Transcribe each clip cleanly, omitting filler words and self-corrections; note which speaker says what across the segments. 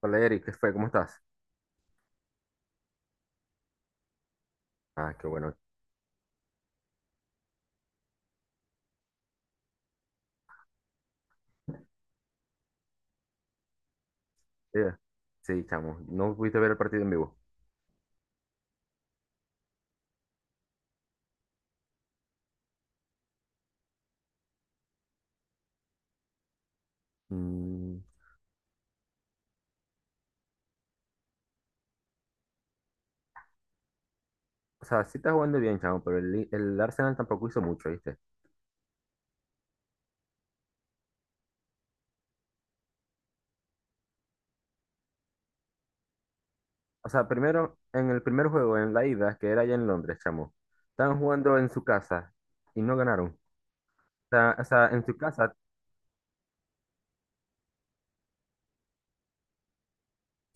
Speaker 1: Hola Eric, ¿qué fue? ¿Cómo estás? Ah, qué bueno. Eh, Sí, chamo, no pudiste ver el partido en vivo. Mm, o sea, sí está jugando bien, chamo, pero el Arsenal tampoco hizo mucho, ¿viste? O sea, primero, en el primer juego, en la ida, que era allá en Londres, chamo, estaban jugando en su casa y no ganaron. O sea, en su casa,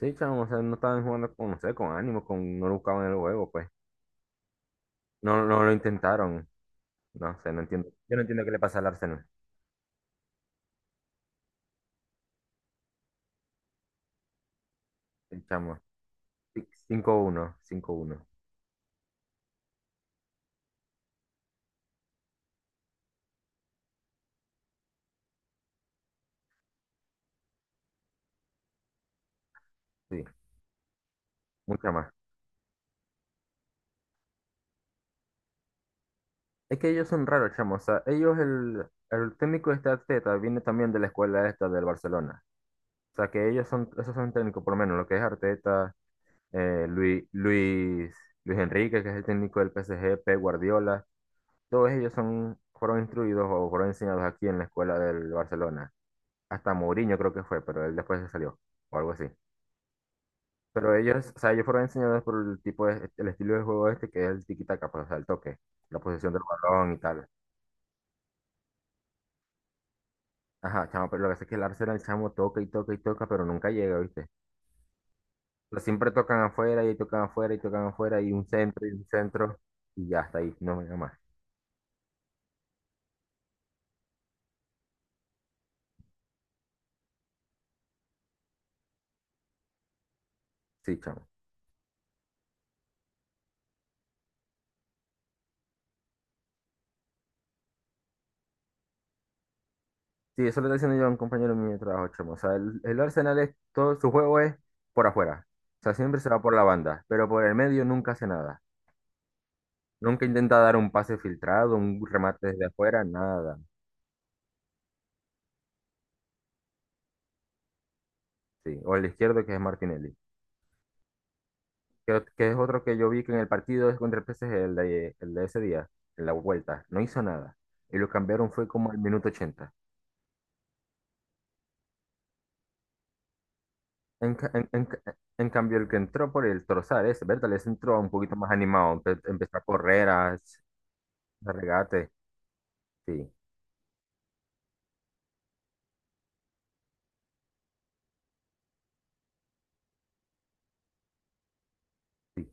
Speaker 1: sí, chamo, o sea, no estaban jugando con, no sé, con ánimo, con, no lo buscaban el juego, pues. No, no lo intentaron. No sé, no entiendo. Yo no entiendo qué le pasa al Arsenal. Sí, chamo, sí, 5-1, 5-1, sí, mucha más. Es que ellos son raros, chamo. O sea, ellos, el técnico de este Arteta viene también de la escuela esta del Barcelona. O sea, que esos son técnicos, por lo menos lo que es Arteta, eh, Luis, Luis, Luis Enrique, que es el técnico del PSG, Pep Guardiola. Todos ellos fueron instruidos o fueron enseñados aquí en la escuela del Barcelona. Hasta Mourinho creo que fue, pero él después se salió, o algo así. Pero ellos, o sea, ellos fueron enseñados por el estilo de juego este, que es el tiki-taka, pues, o sea, el toque, la posesión del balón y tal. Ajá, chamo, pero lo que pasa es que el Arsenal, chamo, toca y toca y toca, pero nunca llega, ¿viste? Pero siempre tocan afuera y tocan afuera y tocan afuera y un centro y un centro y ya hasta ahí, no llega más. Sí, chamo. Sí, eso lo está diciendo yo a un compañero mío de trabajo, chamo. O sea, el Arsenal es, todo su juego es por afuera. O sea, siempre se va por la banda, pero por el medio nunca hace nada. Nunca intenta dar un pase filtrado, un remate desde afuera, nada. Sí, o el izquierdo que es Martinelli. Que es otro que yo vi que en el partido es contra el PSG, el, de, el de ese día, en la vuelta, no hizo nada. Y lo cambiaron fue como al minuto 80. En cambio, el que entró por el Trozar, ese, Bertal, ese entró un poquito más animado, empezó a correr, a regate. Sí, sí,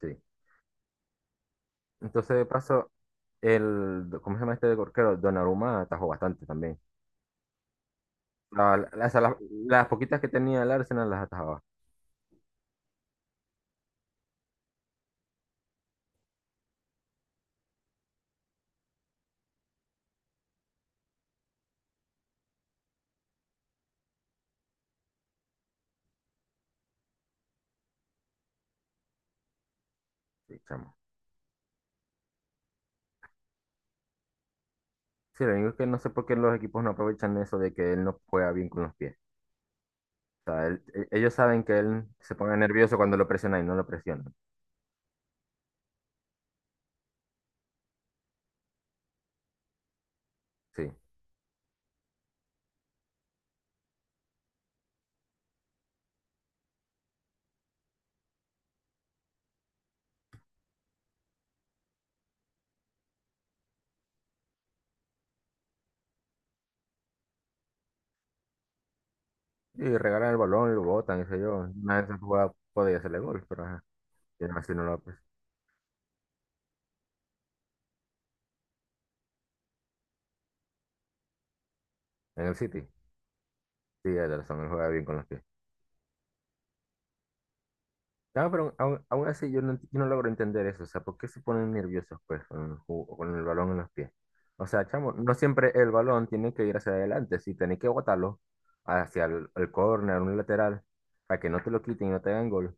Speaker 1: sí. Entonces, de paso, ¿cómo se llama este de corquero? Donnarumma atajó bastante también. O sea, las poquitas que tenía el Arsenal las atajaba. Sí, chamo. Sí, lo único es que no sé por qué los equipos no aprovechan eso de que él no juega bien con los pies. Ellos saben que él se pone nervioso cuando lo presionan y no lo presionan. Sí. Y regalan el balón y lo botan, qué sé yo. Una de esas jugadas podía hacerle gol, pero ajá. Y aún así no lo pues. En el City. Sí, Ederson, él juega bien con los pies. No, pero aún así yo no logro entender eso. O sea, ¿por qué se ponen nerviosos pues con con el balón en los pies? O sea, chamo, no siempre el balón tiene que ir hacia adelante. Si tenés que botarlo hacia el córner, un lateral, para que no te lo quiten y no te hagan gol,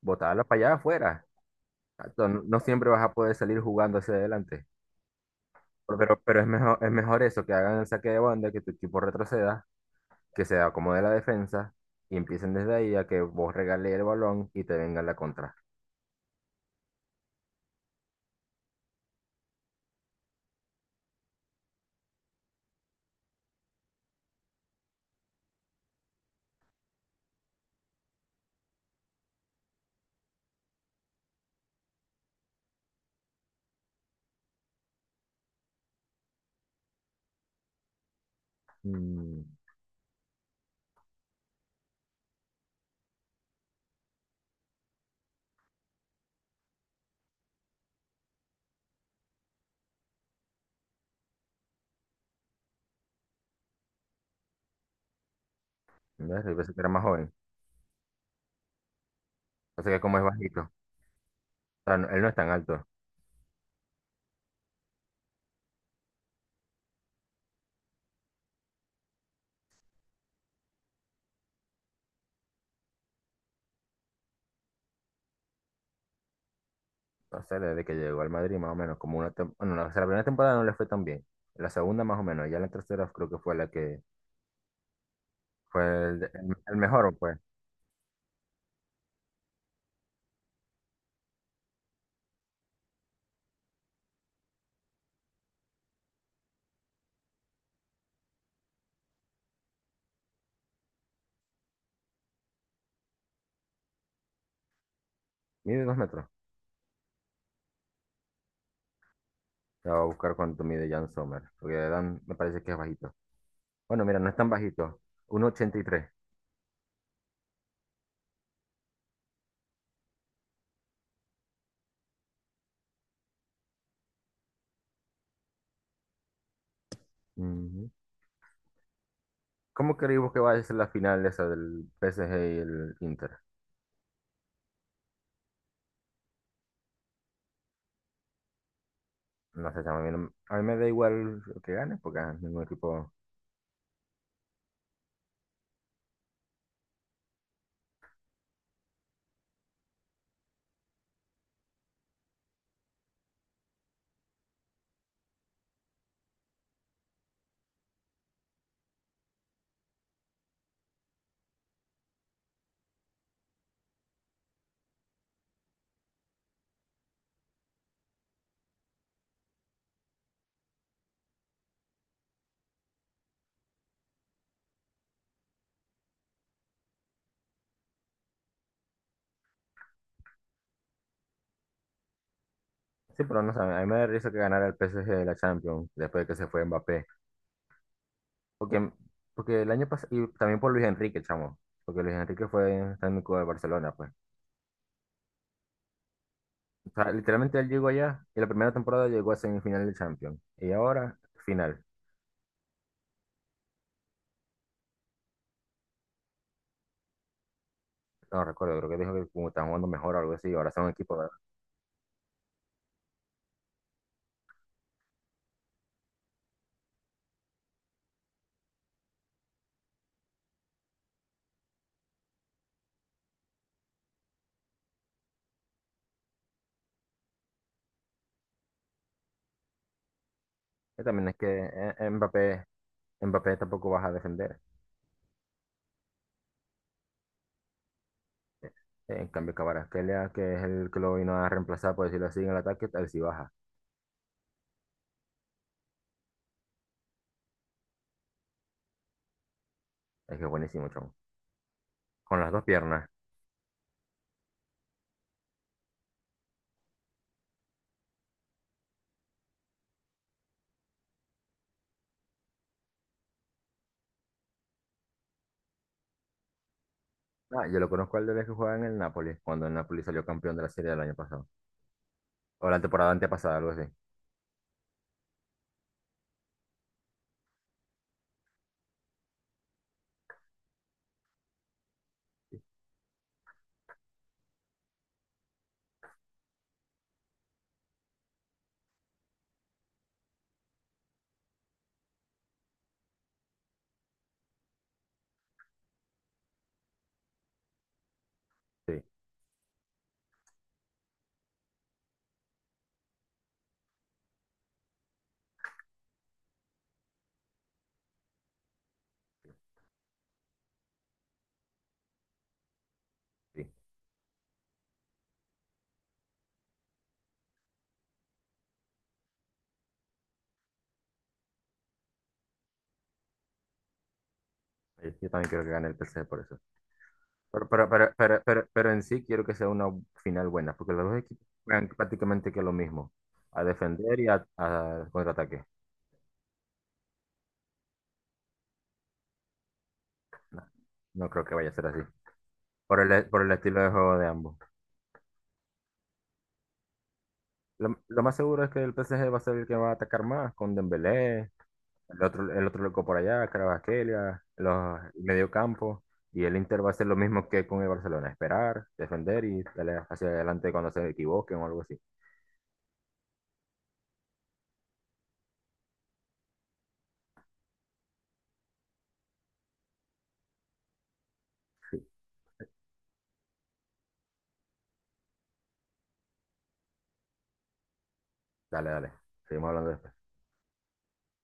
Speaker 1: botarla para allá afuera. Exacto. No, no siempre vas a poder salir jugando hacia adelante. Pero es mejor eso, que hagan el saque de banda, que tu equipo retroceda, que se acomode la defensa y empiecen desde ahí a que vos regales el balón y te venga la contra. Mm, ¿Ves? Yo pensé que era más joven. O sea que como es bajito. O sea, él no es tan alto. O sea, desde que llegó al Madrid más o menos, como una bueno, o sea, la primera temporada no le fue tan bien. La segunda más o menos. Ya la tercera creo que fue la que fue el, el- el mejor, pues. Mide 2 metros. La voy a buscar cuánto mide Jan Sommer. Porque Dan me parece que es bajito. Bueno, mira, no es tan bajito. 1,83. Ujú. ¿Cómo creemos que va a ser la final esa del PSG y el Inter? No sé, chamo, a mí, no- a mí me da igual que gane, porque ah, ningún equipo. Sí, pero no sé, a mí me da risa que ganara el PSG de la Champions después de que se fue Mbappé. Porque, porque el año pasado, y también por Luis Enrique, chamo. Porque Luis Enrique fue técnico de Barcelona, pues. O sea, literalmente él llegó allá y la primera temporada llegó a semifinal de Champions. Y ahora, final. No recuerdo, creo que dijo que como estaban jugando mejor o algo así, ahora son equipos, ¿verdad? Que también es que eh, Mbappé, Mbappé tampoco baja a defender. En cambio, Kvaratskhelia, que es el que lo vino a reemplazar, por decirlo así, en el ataque, él sí baja. Es que es buenísimo, chon. Con las dos piernas. Ah, yo lo conozco al de que jugaba en el Napoli, cuando el Napoli salió campeón de la serie del año pasado. O la temporada antepasada, algo así. Sí, sí. Sí. Yo también creo que gane el PSG por eso. Pero en sí quiero que sea una final buena, porque los dos equipos juegan prácticamente que lo mismo, a defender y a contraataque. No, no creo que vaya a ser así, por el estilo de juego de ambos. Lo más seguro es que el PSG va a ser el que va a atacar más, con Dembélé, el otro loco por allá, Kvaratskhelia, los el medio campo, y el Inter va a hacer lo mismo que con el Barcelona, esperar, defender y darle hacia adelante cuando se equivoquen o algo así. Dale, dale, seguimos hablando después.